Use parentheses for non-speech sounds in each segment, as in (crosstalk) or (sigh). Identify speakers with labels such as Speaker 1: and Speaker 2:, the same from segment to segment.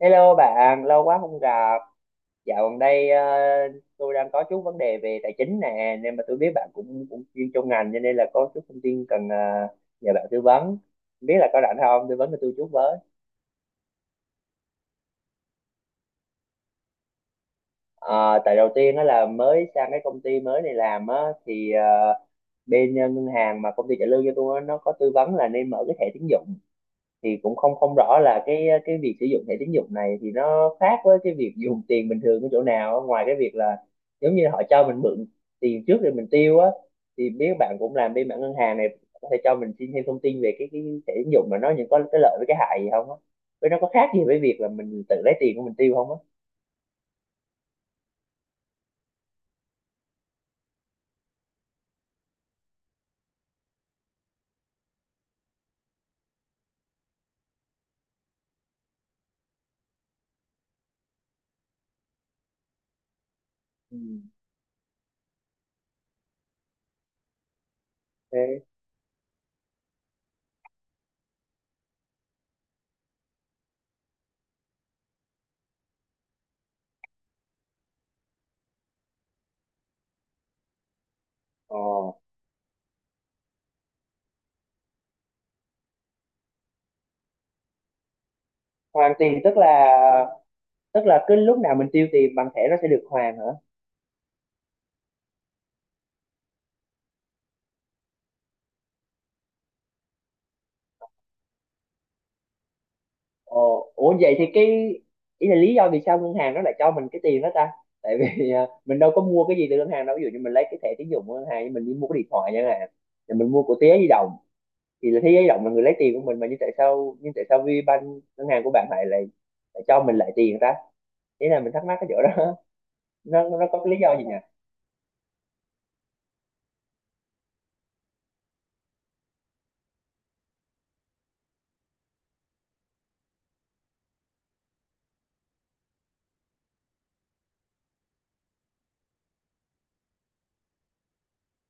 Speaker 1: Hello bạn, lâu quá không gặp. Dạo gần đây tôi đang có chút vấn đề về tài chính nè, nên mà tôi biết bạn cũng cũng chuyên trong ngành cho nên là có chút thông tin cần nhờ bạn tư vấn. Không Biết là có rảnh không? Tư vấn cho tôi chút với. Ờ, tại đầu tiên đó là mới sang cái công ty mới này làm á thì bên ngân hàng mà công ty trả lương cho tôi á, nó có tư vấn là nên mở cái thẻ tín dụng, thì cũng không không rõ là cái việc sử dụng thẻ tín dụng này thì nó khác với cái việc dùng tiền bình thường ở chỗ nào, ngoài cái việc là giống như họ cho mình mượn tiền trước rồi mình tiêu á. Thì biết bạn cũng làm bên mảng ngân hàng này, có thể cho mình xin thêm thông tin về cái thẻ tín dụng mà nó những có cái lợi với cái hại gì không á, với nó có khác gì với việc là mình tự lấy tiền của mình tiêu không á. Ừ. Thế, ờ hoàn tiền tức là cứ lúc nào mình tiêu tiền bằng thẻ nó sẽ được hoàn hả? Ờ, ủa vậy thì ý là lý do vì sao ngân hàng nó lại cho mình cái tiền đó ta? Tại vì (laughs) à, mình đâu có mua cái gì từ ngân hàng đâu. Ví dụ như mình lấy cái thẻ tín dụng của ngân hàng, nhưng mình đi mua cái điện thoại chẳng hạn, rồi mình mua của Thế Giới Di Động, thì là Thế Giới Di Động là người lấy tiền của mình mà, nhưng tại sao VPBank ngân hàng của bạn lại lại, lại cho mình lại tiền ta? Thế là mình thắc mắc cái chỗ đó. (laughs) Nó có cái lý do gì nhỉ?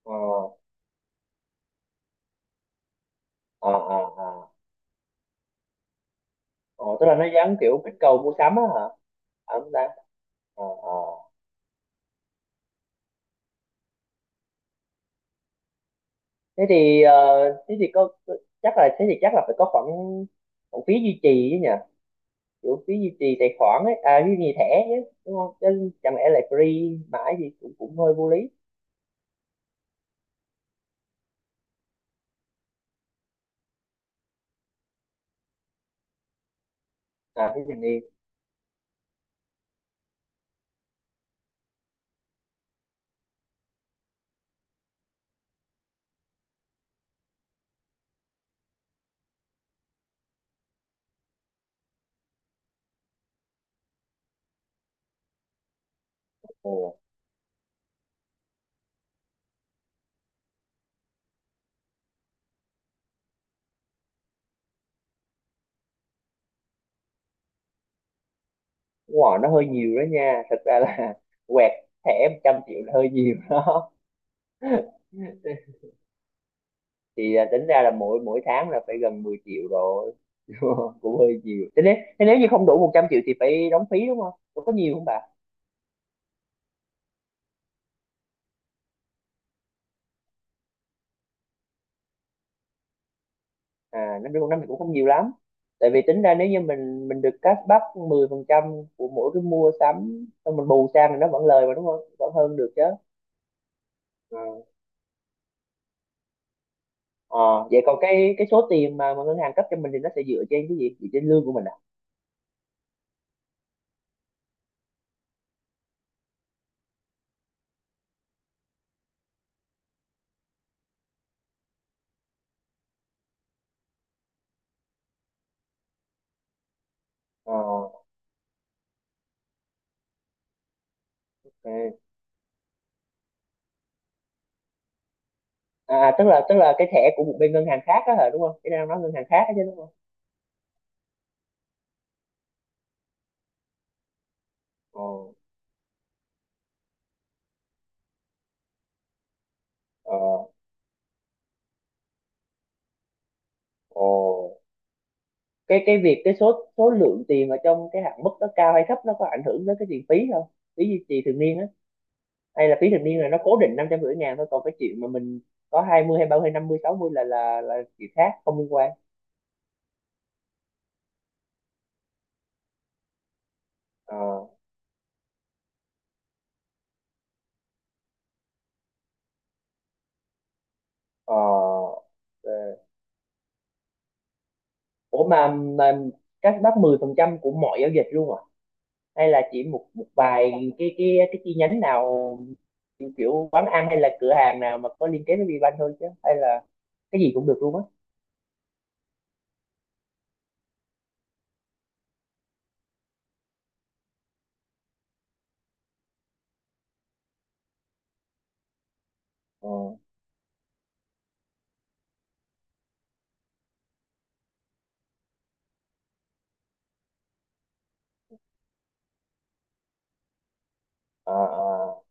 Speaker 1: Ờ, ờ, ờ, ờ. Ờ, tức là nó gắn kiểu kích cầu mua sắm á hả? Ờ, không ta? Ờ, ờ. thế thì ờ, thế thì có thế thì chắc là phải có khoản khoản phí duy trì chứ nhỉ, kiểu phí duy trì tài khoản ấy, à duy trì thẻ chứ, đúng không, chứ chẳng lẽ lại free mãi thì cũng cũng hơi vô lý. À thế thì đi. Ồ đúng rồi nó hơi nhiều đó nha, thật ra là (laughs) quẹt thẻ 100 triệu là hơi nhiều đó. (laughs) Thì à, tính ra là mỗi mỗi tháng là phải gần 10 triệu rồi. (laughs) Cũng hơi nhiều. Thế nếu như không đủ 100 triệu thì phải đóng phí đúng không, có nhiều không bà? À năm trăm năm thì cũng không nhiều lắm, tại vì tính ra nếu như mình được cashback 10% của mỗi cái mua sắm xong mình bù sang thì nó vẫn lời mà đúng không, vẫn hơn được chứ. Ờ. Ờ, vậy còn cái số tiền mà ngân hàng cấp cho mình thì nó sẽ dựa trên cái gì, dựa trên lương của mình à? Ờ, ok. À, à, tức là cái thẻ của một bên ngân hàng khác đó hả đúng không, cái đang nói ngân hàng khác đó chứ đúng không? Ờ, ờ. Ồ, cái việc số số lượng tiền ở trong cái hạn mức đó cao hay thấp, nó có ảnh hưởng tới cái tiền phí không, phí duy trì thường niên á? Hay là phí thành niên là nó cố định 550 ngàn thôi, còn cái chuyện mà mình có 20 hay 30 hay 50 60 là là chuyện khác không liên quan? Ờ, ờ, ờ. Ủa mà các bác 10% của mọi giao dịch luôn à, hay là chỉ một một vài cái chi nhánh nào, kiểu quán ăn hay là cửa hàng nào mà có liên kết với VBank thôi, chứ hay là cái gì cũng được luôn á? Ờ, ờ, ờ.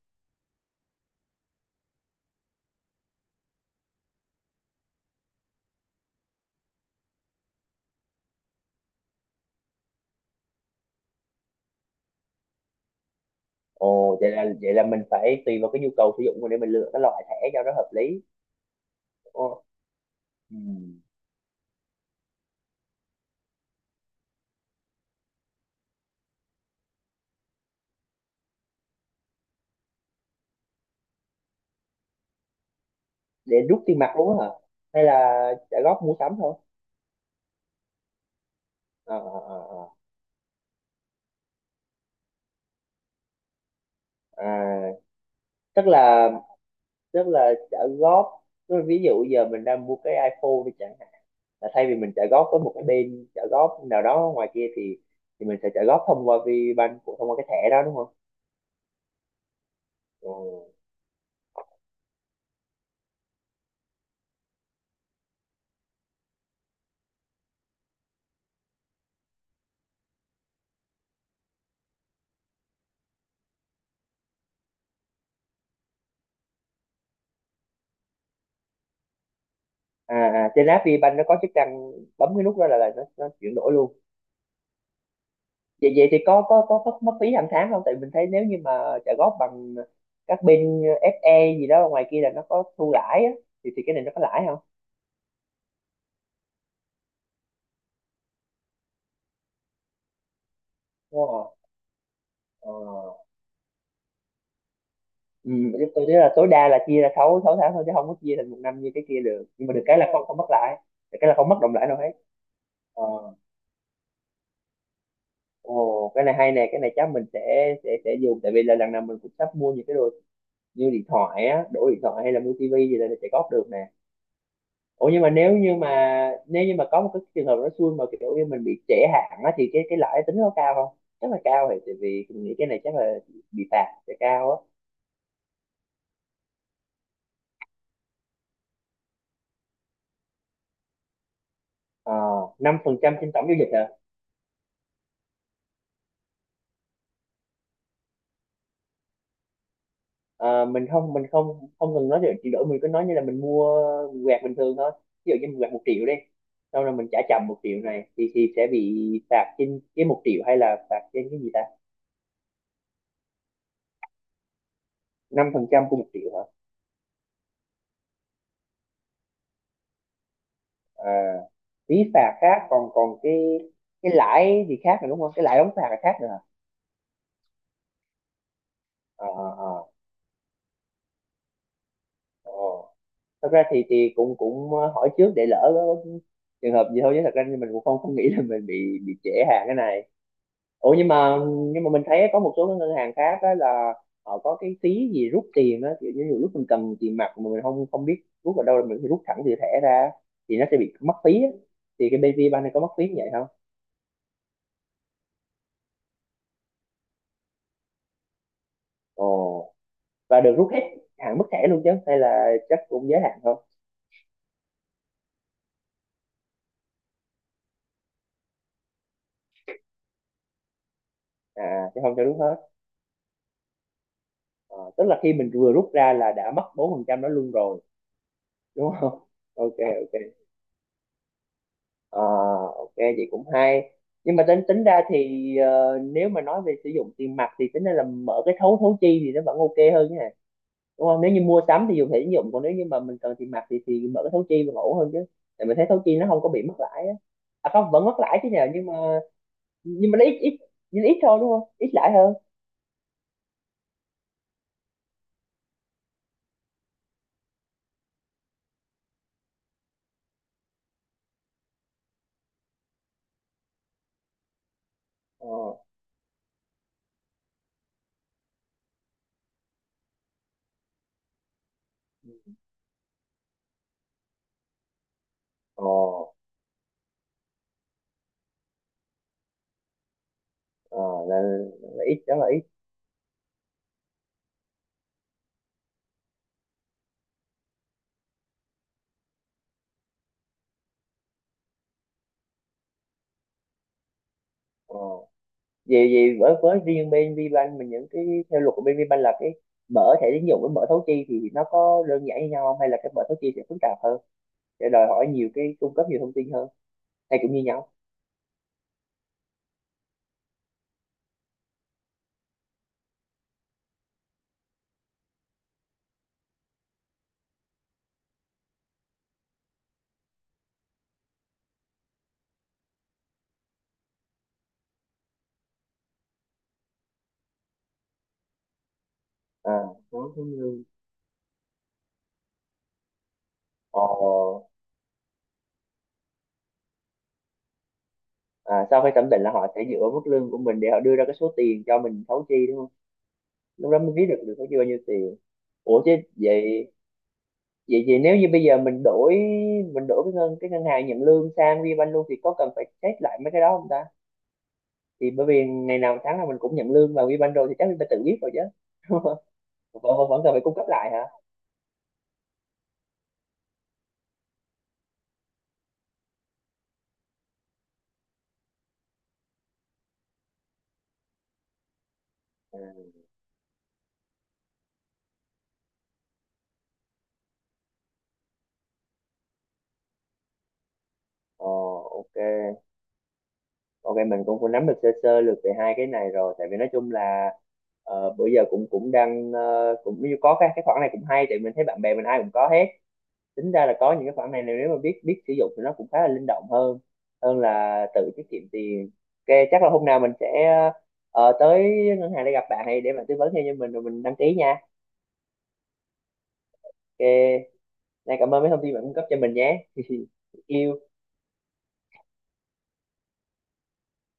Speaker 1: Ồ, vậy là mình phải tùy vào cái nhu cầu sử dụng để mình lựa cái loại thẻ cho nó hợp lý. Ồ. Ừ. Để rút tiền mặt luôn á hả, hay là trả góp mua sắm thôi? Ờ, ờ, ờ, ờ. À, tức là tức là trả góp tức là ví dụ giờ mình đang mua cái iPhone đi chẳng hạn, là thay vì mình trả góp với một cái bên trả góp nào đó ngoài kia thì mình sẽ trả góp thông qua VBank, của thông qua cái thẻ đó đúng không? Ừ. À, à trên app VBank nó có chức năng bấm cái nút đó là nó chuyển đổi luôn. Vậy vậy thì có có mất mất phí hàng tháng không, tại mình thấy nếu như mà trả góp bằng các bên FE gì đó ngoài kia là nó có thu lãi á, thì cái này nó có lãi không? Wow. Ờ. Ừ, chứ tôi thấy là tối đa là chia ra 6 6 tháng thôi chứ không có chia thành một năm như cái kia được, nhưng mà được cái là không không mất lãi, được cái là không mất đồng lãi đâu hết. Ờ. Ồ, cái này hay nè, cái này chắc mình sẽ dùng tại vì là lần nào mình cũng sắp mua những cái đồ như điện thoại á, đổi điện thoại hay là mua tivi gì là sẽ góp được nè. Ủa nhưng mà nếu như mà có một cái trường hợp nó xui mà kiểu như mình bị trễ hạn á thì cái lãi tính nó cao không? Chắc là cao, thì tại vì mình nghĩ cái này chắc là bị phạt sẽ cao á. Ờ, 5% trên tổng giao dịch hả? Ờ, mình không không cần nói về chuyển đổi, mình cứ nói như là mình mua quẹt bình thường thôi. Ví dụ như mình quẹt 1 triệu đi, sau rồi mình trả chậm 1 triệu này thì sẽ bị phạt trên cái 1 triệu hay là phạt trên cái gì ta? 5% của một triệu hả? À, phí phạt khác còn còn cái lãi gì khác nữa đúng không, cái lãi đóng phạt là khác nữa hả? À, ờ, ờ. Ờ thật ra thì cũng cũng hỏi trước để lỡ có trường hợp gì thôi, chứ thật ra thì mình cũng không không nghĩ là mình bị trễ hàng cái này. Ủa nhưng mà mình thấy có một số cái ngân hàng khác đó là họ có cái phí gì rút tiền đó, kiểu như nhiều lúc mình cầm tiền mặt mà mình không không biết rút vào đâu là mình phải rút thẳng từ thẻ ra, thì nó sẽ bị mất phí á. Thì cái BV Bank này có mất phí như vậy không? Ồ, và được rút hết hạn mức thẻ luôn chứ, hay là chắc cũng giới hạn thôi? À chứ không cho rút hết. Ờ, tức là khi mình vừa rút ra là đã mất 4% đó luôn rồi đúng không? (laughs) Ok. Ok. Ờ, ok vậy cũng hay, nhưng mà tính tính ra thì nếu mà nói về sử dụng tiền mặt thì tính ra là mở cái thấu thấu chi thì nó vẫn ok hơn nha, đúng không, nếu như mua sắm thì dùng thẻ tín dụng, còn nếu như mà mình cần tiền mặt thì mở cái thấu chi vẫn ổn hơn chứ, tại mình thấy thấu chi nó không có bị mất lãi á. À không vẫn mất lãi chứ nhờ, nhưng mà nó ít ít nhưng ít thôi đúng không, ít lãi hơn. Ờ, ờ, ờ. là, là ít đó là ít. Ờ vì vì với riêng bên VBank mình, những cái theo luật của bên VBank là mở thẻ tín dụng với mở thấu chi thì nó có đơn giản như nhau không, hay là cái mở thấu chi sẽ phức tạp hơn, sẽ đòi hỏi nhiều cái cung cấp nhiều thông tin hơn, hay cũng như nhau? À nó cũng như... Ồ. À, sau khi thẩm định là họ sẽ dựa vào mức lương của mình để họ đưa ra cái số tiền cho mình thấu chi đúng không? Lúc đó mới biết được được thấu chi bao nhiêu tiền. Ủa chứ vậy, vậy thì nếu như bây giờ mình đổi cái ngân hàng nhận lương sang VBank luôn thì có cần phải check lại mấy cái đó không ta, thì bởi vì ngày nào tháng nào mình cũng nhận lương vào WeBank rồi thì chắc mình phải tự biết rồi chứ. (laughs) vẫn vẫn cần phải cung cấp lại hả? À, ồ, ok. Ok mình cũng cũng nắm được sơ sơ lược về hai cái này rồi, tại vì nói chung là bữa giờ cũng cũng đang cũng như có cái khoản này cũng hay, tại mình thấy bạn bè mình ai cũng có hết, tính ra là có những cái khoản này nếu mà biết biết sử dụng thì nó cũng khá là linh động hơn, hơn là tự tiết kiệm tiền. Ok chắc là hôm nào mình sẽ tới ngân hàng để gặp bạn hay để bạn tư vấn thêm cho mình rồi mình đăng ký nha. Ok, này cảm ơn mấy thông tin bạn cung cấp cho mình nhé. (laughs) Yêu